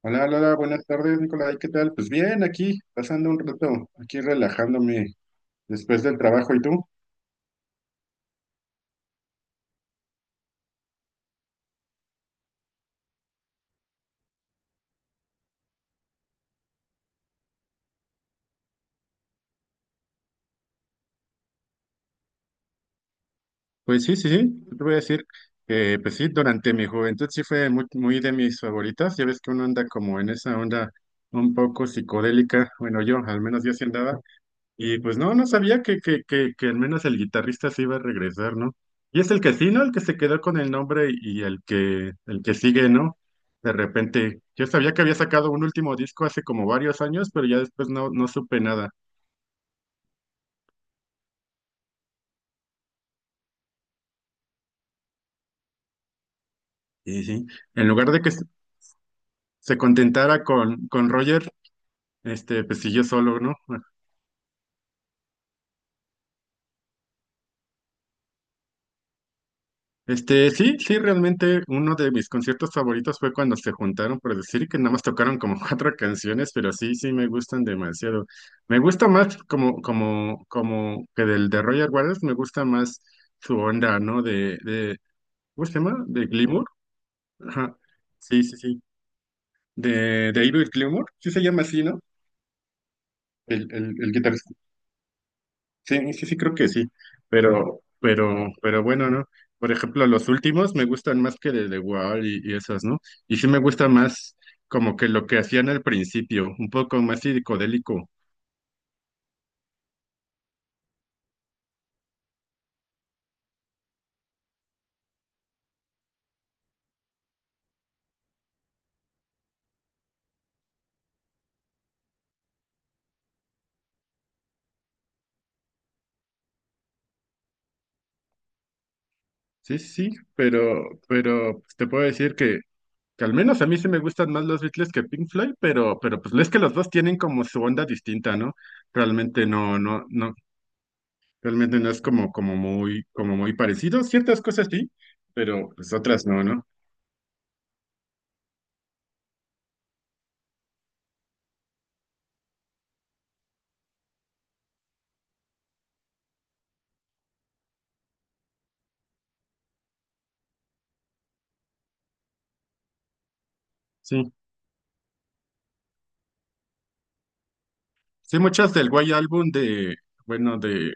Hola, hola, buenas tardes, Nicolai, ¿qué tal? Pues bien, aquí, pasando un rato, aquí relajándome después del trabajo, ¿y tú? Pues sí, sí, sí, yo te voy a decir que, pues sí, durante mi juventud sí fue muy, muy de mis favoritas, ya ves que uno anda como en esa onda un poco psicodélica, bueno, yo, al menos yo sí andaba. Y pues no sabía que al menos el guitarrista se iba a regresar, ¿no? Y es el que sí, ¿no? El que se quedó con el nombre y el que sigue, ¿no? De repente, yo sabía que había sacado un último disco hace como varios años, pero ya después no supe nada. Sí, sí, en lugar de que se contentara con Roger, pues siguió solo, ¿no? Sí, sí, realmente uno de mis conciertos favoritos fue cuando se juntaron, por decir que nada más tocaron como cuatro canciones, pero sí, sí me gustan demasiado. Me gusta más como que del de Roger Waters, me gusta más su onda, ¿no? ¿Cómo se llama? De Gilmour. Ajá. Sí, sí, sí. De David Gilmour, sí se llama así, ¿no? El guitarrista. Sí, sí, sí, creo que sí, pero bueno, ¿no? Por ejemplo, los últimos me gustan más que de The Wall y esas, ¿no? Y sí me gusta más como que lo que hacían al principio, un poco más psicodélico. Sí, sí, sí, pero pues, te puedo decir que al menos a mí sí me gustan más los Beatles que Pink Floyd, pero pues es que los dos tienen como su onda distinta, ¿no? Realmente no, no, no, realmente no es como, como muy parecido. Ciertas cosas sí, pero pues otras no, ¿no? Sí. Sí, muchas del White Album de, bueno, de,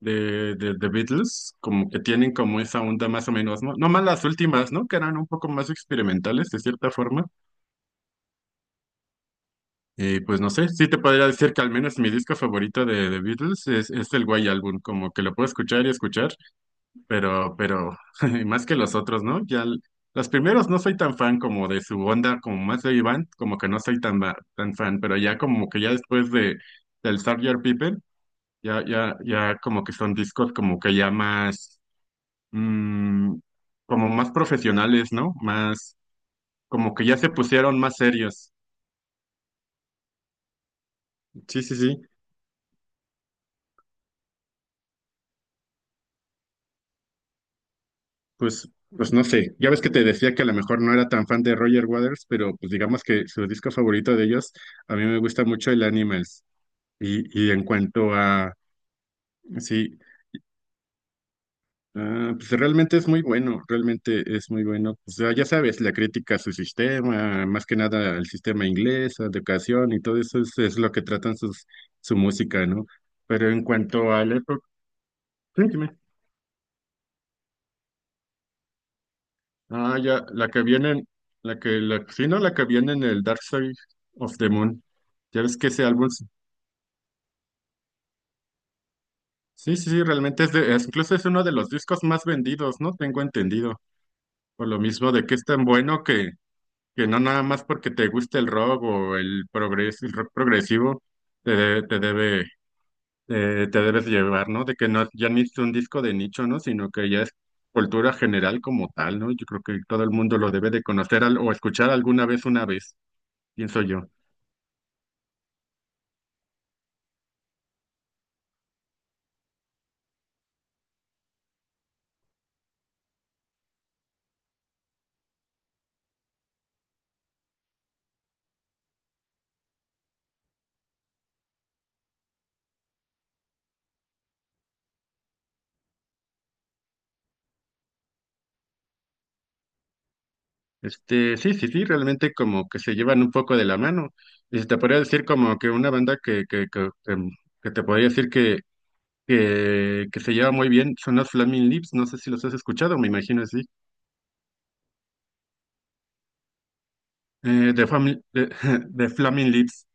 de, de, The Beatles, como que tienen como esa onda más o menos, ¿no? No más las últimas, ¿no? Que eran un poco más experimentales, de cierta forma. Pues no sé, sí te podría decir que al menos mi disco favorito de The Beatles es el White Album, como que lo puedo escuchar y escuchar, pero más que los otros, ¿no? Los primeros no soy tan fan como de su onda, como más de Iván, como que no soy tan, tan fan, pero ya como que ya después de del Sgt. Pepper. Ya, ya, ya como que son discos como que ya más, mm, como más profesionales, ¿no? Más, como que ya se pusieron más serios. Sí, sí, sí. Pues no sé. Ya ves que te decía que a lo mejor no era tan fan de Roger Waters, pero pues digamos que su disco favorito de ellos, a mí me gusta mucho el Animals. Y en cuanto a, sí. Ah, pues realmente es muy bueno, realmente es muy bueno. O sea, ya sabes, la crítica a su sistema, más que nada al sistema inglés, a educación y todo eso es lo que tratan su música, ¿no? Pero en cuanto a la época, sí, dime. Ah, ya, la que viene, sí, no, la que viene en el Dark Side of the Moon. Ya ves que ese álbum, sí, sí, sí, realmente incluso es uno de los discos más vendidos, ¿no? Tengo entendido. Por lo mismo de que es tan bueno que no nada más porque te guste el rock o el progres, el rock progresivo, te, de- te debe, te debes llevar, ¿no? De que no, ya ni es un disco de nicho, ¿no? Sino que ya es cultura general como tal, ¿no? Yo creo que todo el mundo lo debe de conocer o escuchar alguna vez, una vez, pienso yo. Sí, sí, sí, realmente como que se llevan un poco de la mano. Y se te podría decir como que una banda que te podría decir que se lleva muy bien son los Flaming Lips, no sé si los has escuchado, me imagino, sí. Eh, de, Fami- de, de Flaming Lips,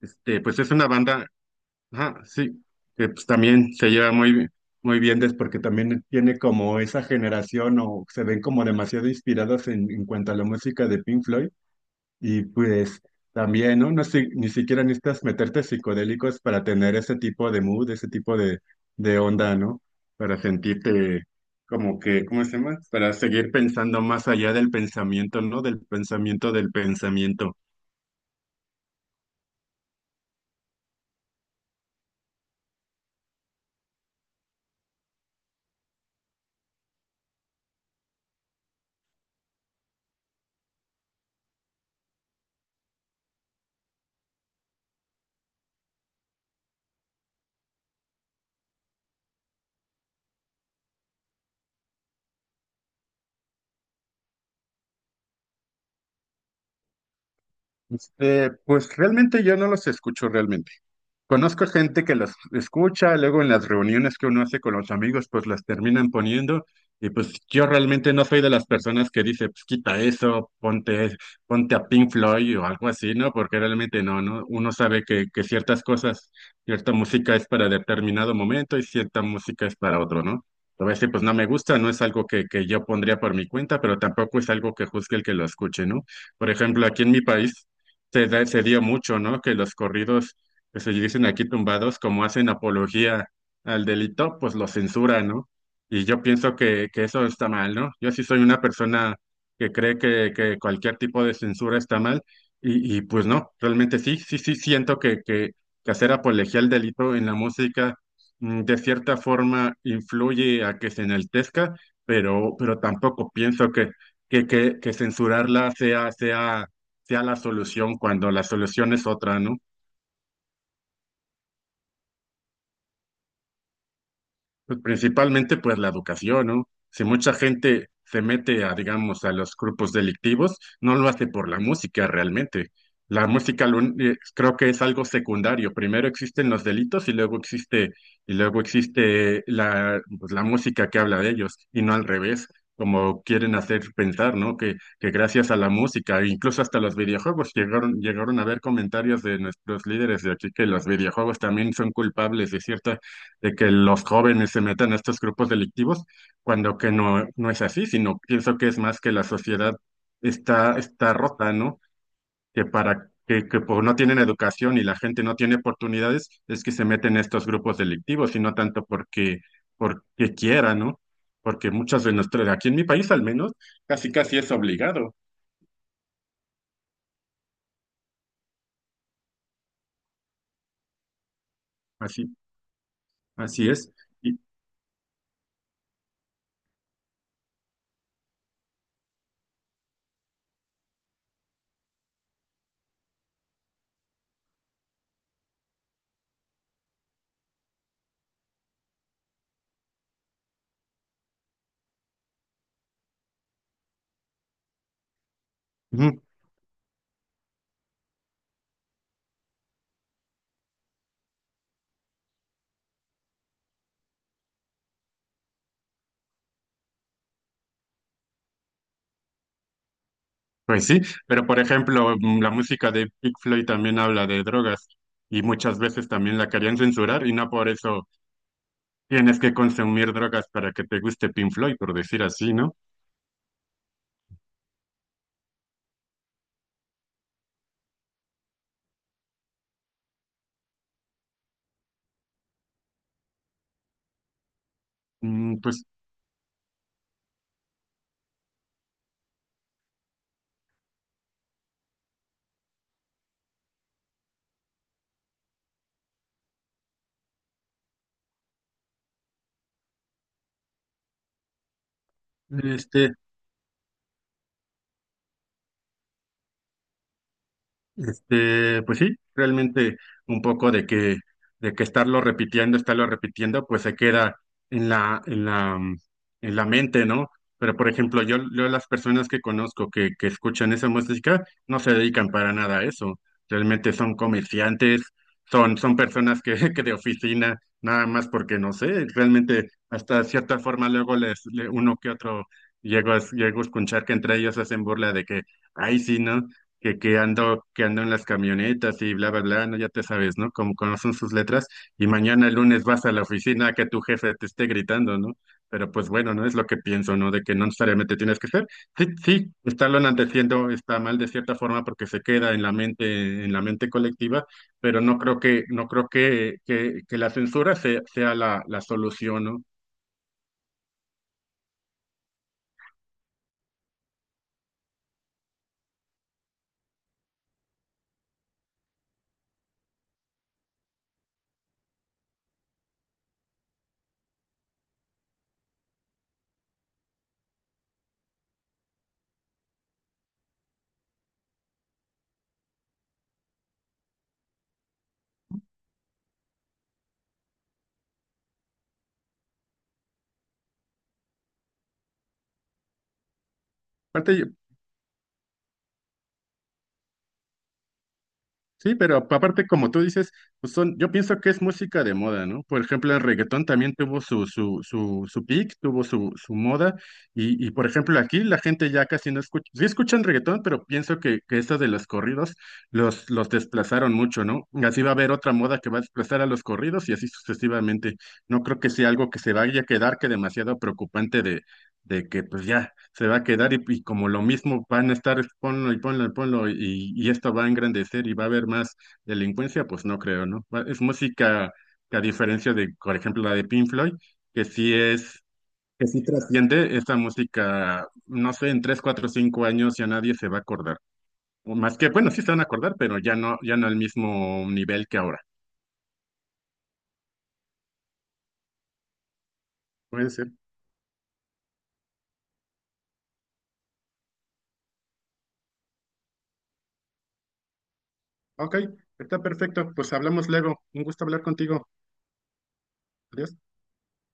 pues es una banda, ajá, sí, que pues también se lleva muy, muy bien, porque también tiene como esa generación o se ven como demasiado inspiradas en cuanto a la música de Pink Floyd y pues también, ¿no? Ni siquiera necesitas meterte psicodélicos para tener ese tipo de mood, ese tipo de onda, ¿no? Para sentirte como que, ¿cómo se llama? Para seguir pensando más allá del pensamiento, ¿no? Del pensamiento del pensamiento. Pues realmente yo no los escucho realmente. Conozco gente que las escucha, luego en las reuniones que uno hace con los amigos, pues las terminan poniendo. Y pues yo realmente no soy de las personas que dice, pues quita eso, ponte a Pink Floyd o algo así, ¿no? Porque realmente no, ¿no? Uno sabe que ciertas cosas, cierta música es para determinado momento y cierta música es para otro, ¿no? A veces pues no me gusta, no es algo que yo pondría por mi cuenta, pero tampoco es algo que juzgue el que lo escuche, ¿no? Por ejemplo, aquí en mi país se dio mucho, ¿no? Que los corridos que se dicen aquí tumbados, como hacen apología al delito, pues lo censuran, ¿no? Y yo pienso que eso está mal, ¿no? Yo sí soy una persona que cree que cualquier tipo de censura está mal y pues no, realmente sí, sí, sí siento que hacer apología al delito en la música de cierta forma influye a que se enaltezca, pero tampoco pienso que censurarla sea la solución cuando la solución es otra, ¿no? Pues principalmente pues la educación, ¿no? Si mucha gente se mete a, digamos, a los grupos delictivos, no lo hace por la música realmente. La música creo que es algo secundario. Primero existen los delitos y y luego existe la, pues, la música que habla de ellos, y no al revés, como quieren hacer pensar, ¿no? Que gracias a la música, e incluso hasta los videojuegos, llegaron a ver comentarios de nuestros líderes de aquí que los videojuegos también son culpables de ciertas de que los jóvenes se metan a estos grupos delictivos, cuando que no es así, sino pienso que es más que la sociedad está rota, ¿no? Que para que, que por no tienen educación y la gente no tiene oportunidades, es que se meten a estos grupos delictivos, y no tanto porque quiera, ¿no? Porque muchas de nuestras, aquí en mi país al menos, casi casi es obligado. Así, así es. Y, Ujú. Pues sí, pero por ejemplo, la música de Pink Floyd también habla de drogas y muchas veces también la querían censurar y no por eso tienes que consumir drogas para que te guste Pink Floyd, por decir así, ¿no? Mm, Pues este, pues sí, realmente un poco de que estarlo repitiendo, pues se queda en la, en la, mm, en la mente, ¿no? Pero por ejemplo, yo las personas que conozco que escuchan esa música no se dedican para nada a eso. Realmente son comerciantes, son personas que, que de oficina, nada más porque no sé, realmente hasta cierta forma luego uno que otro llego a escuchar que entre ellos hacen burla de que, ay, sí, ¿no? Que ando en las camionetas y bla, bla, bla, no, ya te sabes, ¿no? Como conocen sus letras, y mañana el lunes vas a la oficina a que tu jefe te esté gritando, ¿no? Pero pues bueno, no es lo que pienso, ¿no? De que no necesariamente tienes que ser. Sí, sí, estarlo enalteciendo está mal de cierta forma porque se queda en la mente colectiva, pero no creo que la censura sea la solución, ¿no? aparte Sí, pero aparte, como tú dices, pues son, yo pienso que es música de moda, ¿no? Por ejemplo, el reggaetón también tuvo su peak, tuvo su moda, y por ejemplo, aquí la gente ya casi no escucha, sí escuchan reggaetón, pero pienso que estas de los corridos los desplazaron mucho, ¿no? Así va a haber otra moda que va a desplazar a los corridos y así sucesivamente. No creo que sea algo que se vaya a quedar que demasiado preocupante de que pues ya se va a quedar y como lo mismo van a estar ponlo y ponlo y ponlo y esto va a engrandecer y va a haber más delincuencia, pues no creo, ¿no? Es música que a diferencia de, por ejemplo, la de Pink Floyd, que sí es, que sí trasciende esta música, no sé, en 3, 4, 5 años ya nadie se va a acordar. O más que, bueno, sí se van a acordar, pero ya no, ya no al mismo nivel que ahora. Puede ser. Ok, está perfecto. Pues hablamos luego. Un gusto hablar contigo. Adiós.